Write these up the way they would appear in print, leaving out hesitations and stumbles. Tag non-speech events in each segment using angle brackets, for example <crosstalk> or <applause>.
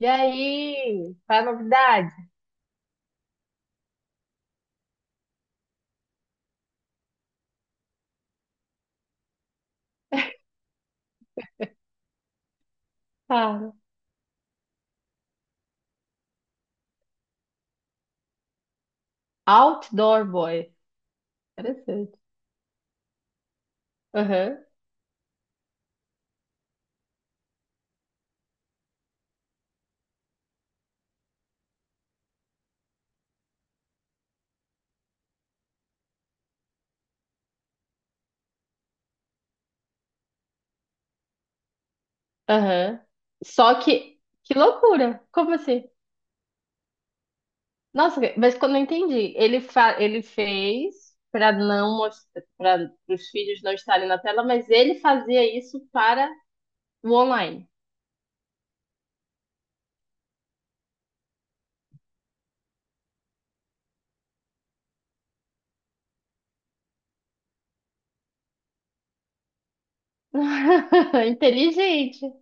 E aí? Qual é a novidade? Cara, Outdoor Boy. Interessante. Aham, aham. Só que loucura. Como assim? Nossa, mas quando eu não entendi, ele, fa ele fez para não mostrar, para os filhos não estarem na tela, mas ele fazia isso para o online. <laughs> Inteligente.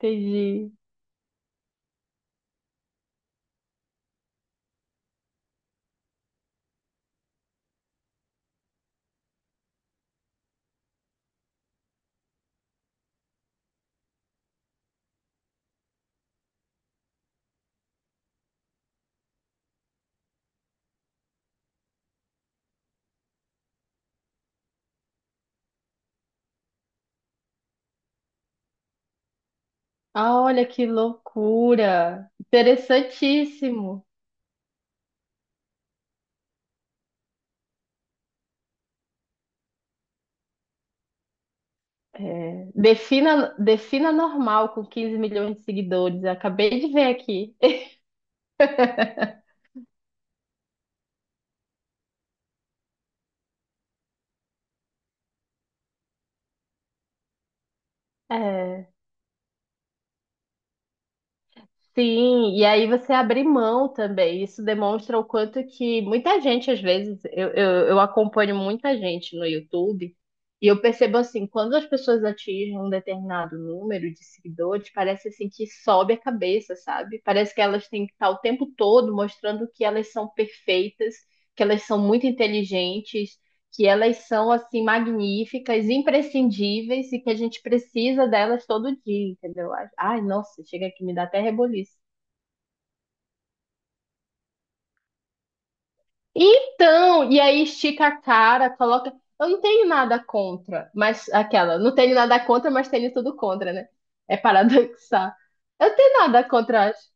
Entendi. Ah, olha que loucura. Interessantíssimo. É, defina, defina normal com 15 milhões de seguidores. Eu acabei de ver aqui. <laughs> É, sim, e aí você abrir mão também. Isso demonstra o quanto que muita gente, às vezes, eu acompanho muita gente no YouTube. E eu percebo assim, quando as pessoas atingem um determinado número de seguidores, parece assim que sobe a cabeça, sabe? Parece que elas têm que estar o tempo todo mostrando que elas são perfeitas, que elas são muito inteligentes, que elas são assim magníficas, imprescindíveis e que a gente precisa delas todo dia, entendeu? Ai, nossa, chega aqui, me dá até reboliço. Então, e aí estica a cara, coloca. Eu não tenho nada contra, mas aquela, não tenho nada contra, mas tenho tudo contra, né? É paradoxal. Eu tenho nada contra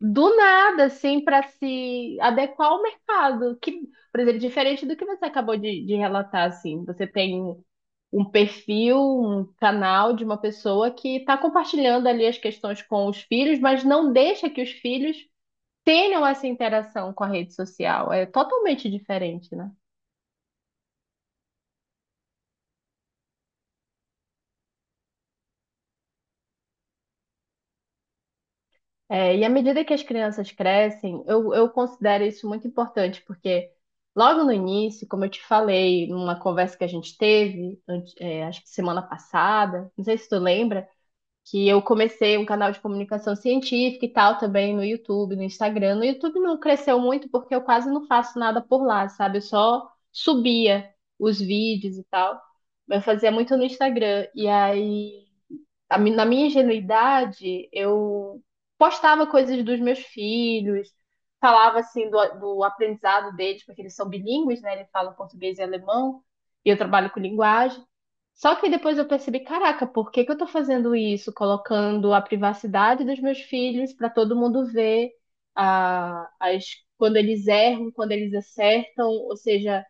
do nada, assim, para se adequar ao mercado. Que, por exemplo, diferente do que você acabou de relatar, assim, você tem um perfil, um canal de uma pessoa que está compartilhando ali as questões com os filhos, mas não deixa que os filhos tenham essa interação com a rede social. É totalmente diferente, né? É, e à medida que as crianças crescem, eu considero isso muito importante, porque logo no início, como eu te falei, numa conversa que a gente teve, é, acho que semana passada, não sei se tu lembra. Que eu comecei um canal de comunicação científica e tal também no YouTube, no Instagram. No YouTube não cresceu muito porque eu quase não faço nada por lá, sabe? Eu só subia os vídeos e tal. Mas eu fazia muito no Instagram. E aí, na minha ingenuidade, eu postava coisas dos meus filhos, falava assim do aprendizado deles, porque eles são bilíngues, né? Eles falam português e alemão. E eu trabalho com linguagem. Só que depois eu percebi, caraca, por que que eu tô fazendo isso? Colocando a privacidade dos meus filhos para todo mundo ver a, as, quando eles erram, quando eles acertam, ou seja,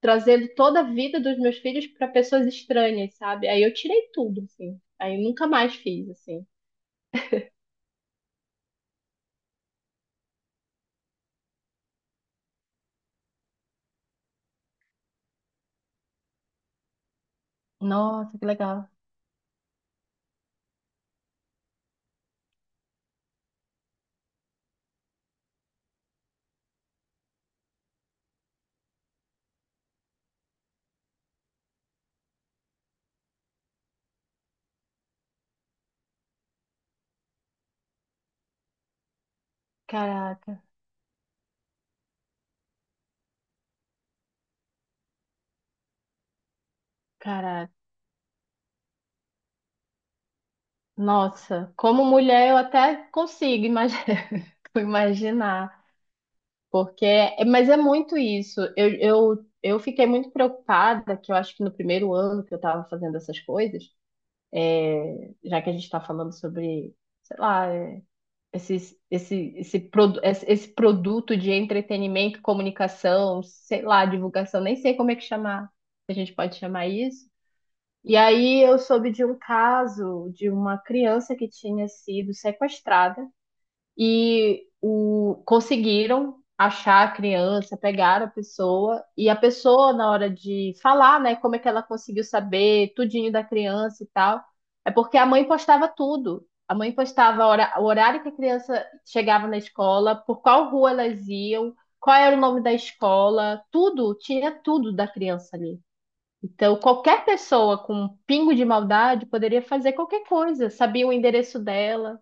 trazendo toda a vida dos meus filhos para pessoas estranhas, sabe? Aí eu tirei tudo, assim. Aí eu nunca mais fiz, assim. Nossa, que legal. Caraca, caraca. Nossa, como mulher eu até consigo imaginar, <laughs> imaginar. Porque, mas é muito isso. Eu fiquei muito preocupada, que eu acho que no primeiro ano que eu estava fazendo essas coisas, é, já que a gente está falando sobre, sei lá, é, esse produto de entretenimento, comunicação, sei lá, divulgação, nem sei como é que chamar, se a gente pode chamar isso. E aí eu soube de um caso de uma criança que tinha sido sequestrada e o, conseguiram achar a criança, pegaram a pessoa, e a pessoa, na hora de falar, né, como é que ela conseguiu saber tudinho da criança e tal, é porque a mãe postava tudo. A mãe postava a o horário que a criança chegava na escola, por qual rua elas iam, qual era o nome da escola, tudo, tinha tudo da criança ali. Então, qualquer pessoa com um pingo de maldade poderia fazer qualquer coisa, sabia o endereço dela.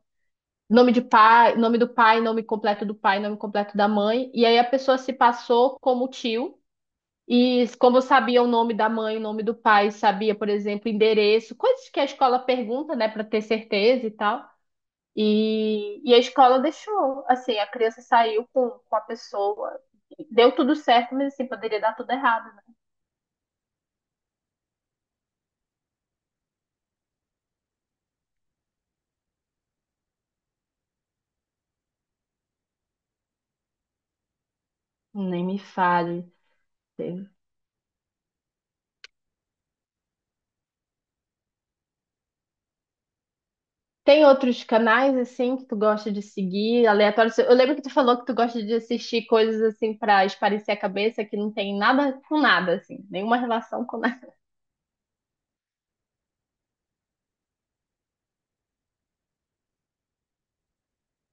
Nome de pai, nome do pai, nome completo do pai, nome completo da mãe. E aí a pessoa se passou como tio. E como sabia o nome da mãe, o nome do pai, sabia, por exemplo, endereço, coisas que a escola pergunta, né, para ter certeza e tal. E a escola deixou, assim, a criança saiu com a pessoa. Deu tudo certo, mas assim, poderia dar tudo errado, né? Nem me fale. Tem outros canais assim que tu gosta de seguir, aleatórios? Eu lembro que tu falou que tu gosta de assistir coisas assim pra esparecer a cabeça que não tem nada com nada assim, nenhuma relação com nada.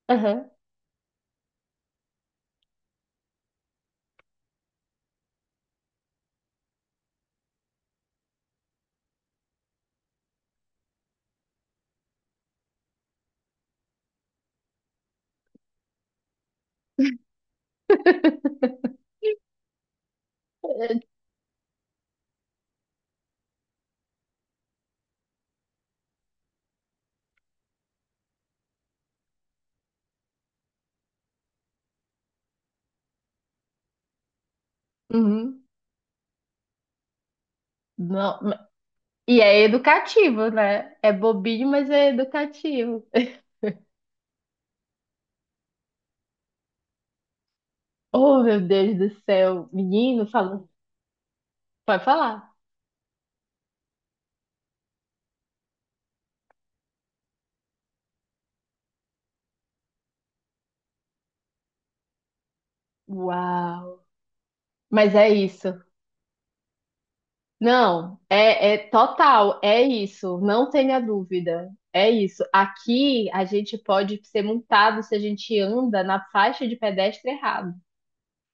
<laughs> Aham. Uhum. Não, e é educativo, né? É bobinho, mas é educativo. Oh, meu Deus do céu, menino, fala. Pode falar. Uau. Mas é isso. Não, é, é total, é isso, não tenha dúvida. É isso. Aqui a gente pode ser multado se a gente anda na faixa de pedestre errado.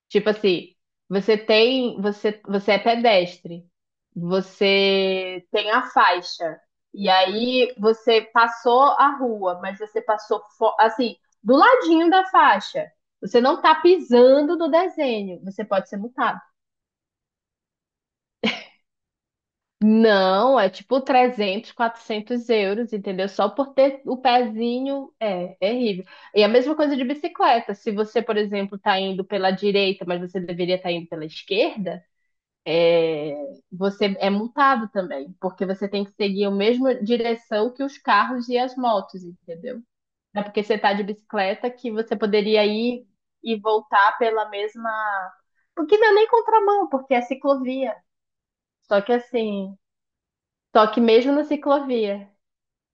Tipo assim, você é pedestre, você tem a faixa, e aí você passou a rua, mas você passou assim, do ladinho da faixa. Você não tá pisando no desenho, você pode ser multado. Não, é tipo 300, 400 euros, entendeu? Só por ter o pezinho, é terrível. E a mesma coisa de bicicleta. Se você, por exemplo, está indo pela direita, mas você deveria estar indo pela esquerda, você é multado também, porque você tem que seguir a mesma direção que os carros e as motos, entendeu? Não é porque você está de bicicleta que você poderia ir e voltar pela mesma. Porque não é nem contramão, porque é ciclovia. Só que assim, só que mesmo na ciclovia.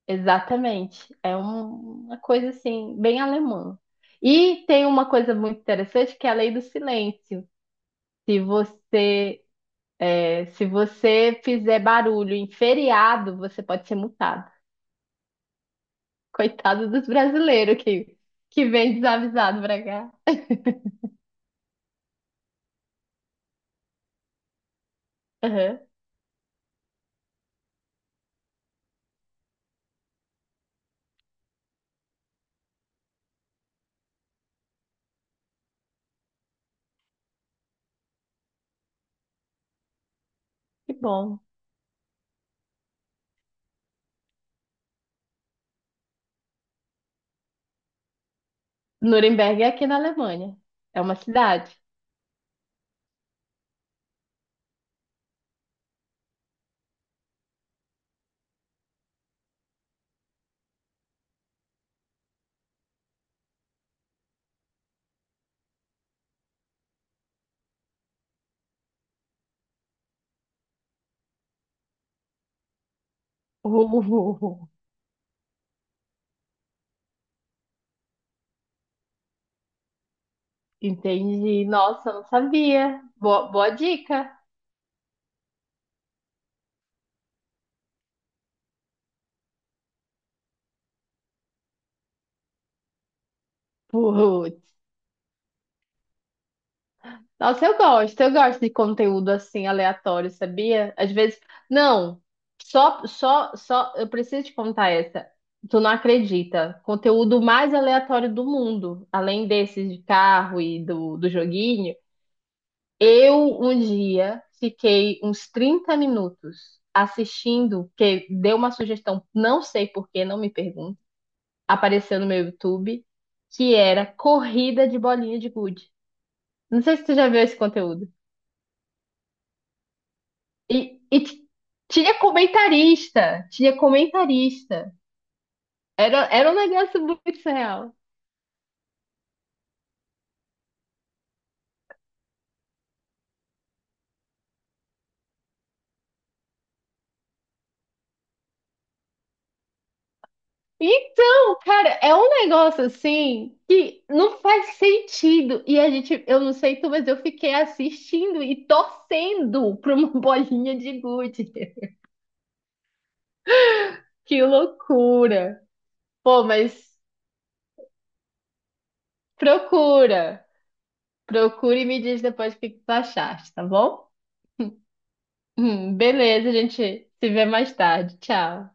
Exatamente. É uma coisa assim, bem alemã. E tem uma coisa muito interessante que é a lei do silêncio. Se você, se você fizer barulho em feriado, você pode ser multado. Coitado dos brasileiros que vem desavisado pra cá. Aham. Que bom. Nuremberg é aqui na Alemanha. É uma cidade. <laughs> Uh, entendi. Nossa, eu não sabia. Boa, boa dica. Uh, Nossa, eu gosto de conteúdo assim aleatório, sabia? Às vezes, não, eu preciso te contar essa. Tu não acredita? Conteúdo mais aleatório do mundo, além desses de carro e do joguinho. Eu um dia fiquei uns 30 minutos assistindo, que deu uma sugestão, não sei por que, não me pergunte, apareceu no meu YouTube, que era corrida de bolinha de gude. Não sei se tu já viu esse conteúdo. E, e t- tinha comentarista, tinha comentarista. Era um negócio muito surreal. Então, cara, é um negócio assim que não faz sentido. E a gente, eu não sei tu, mas eu fiquei assistindo e torcendo pra uma <laughs> bolinha de gude. Que loucura. Pô, mas procura. Procura e me diz depois o que que tu achaste, tá bom? Beleza, a gente se vê mais tarde. Tchau.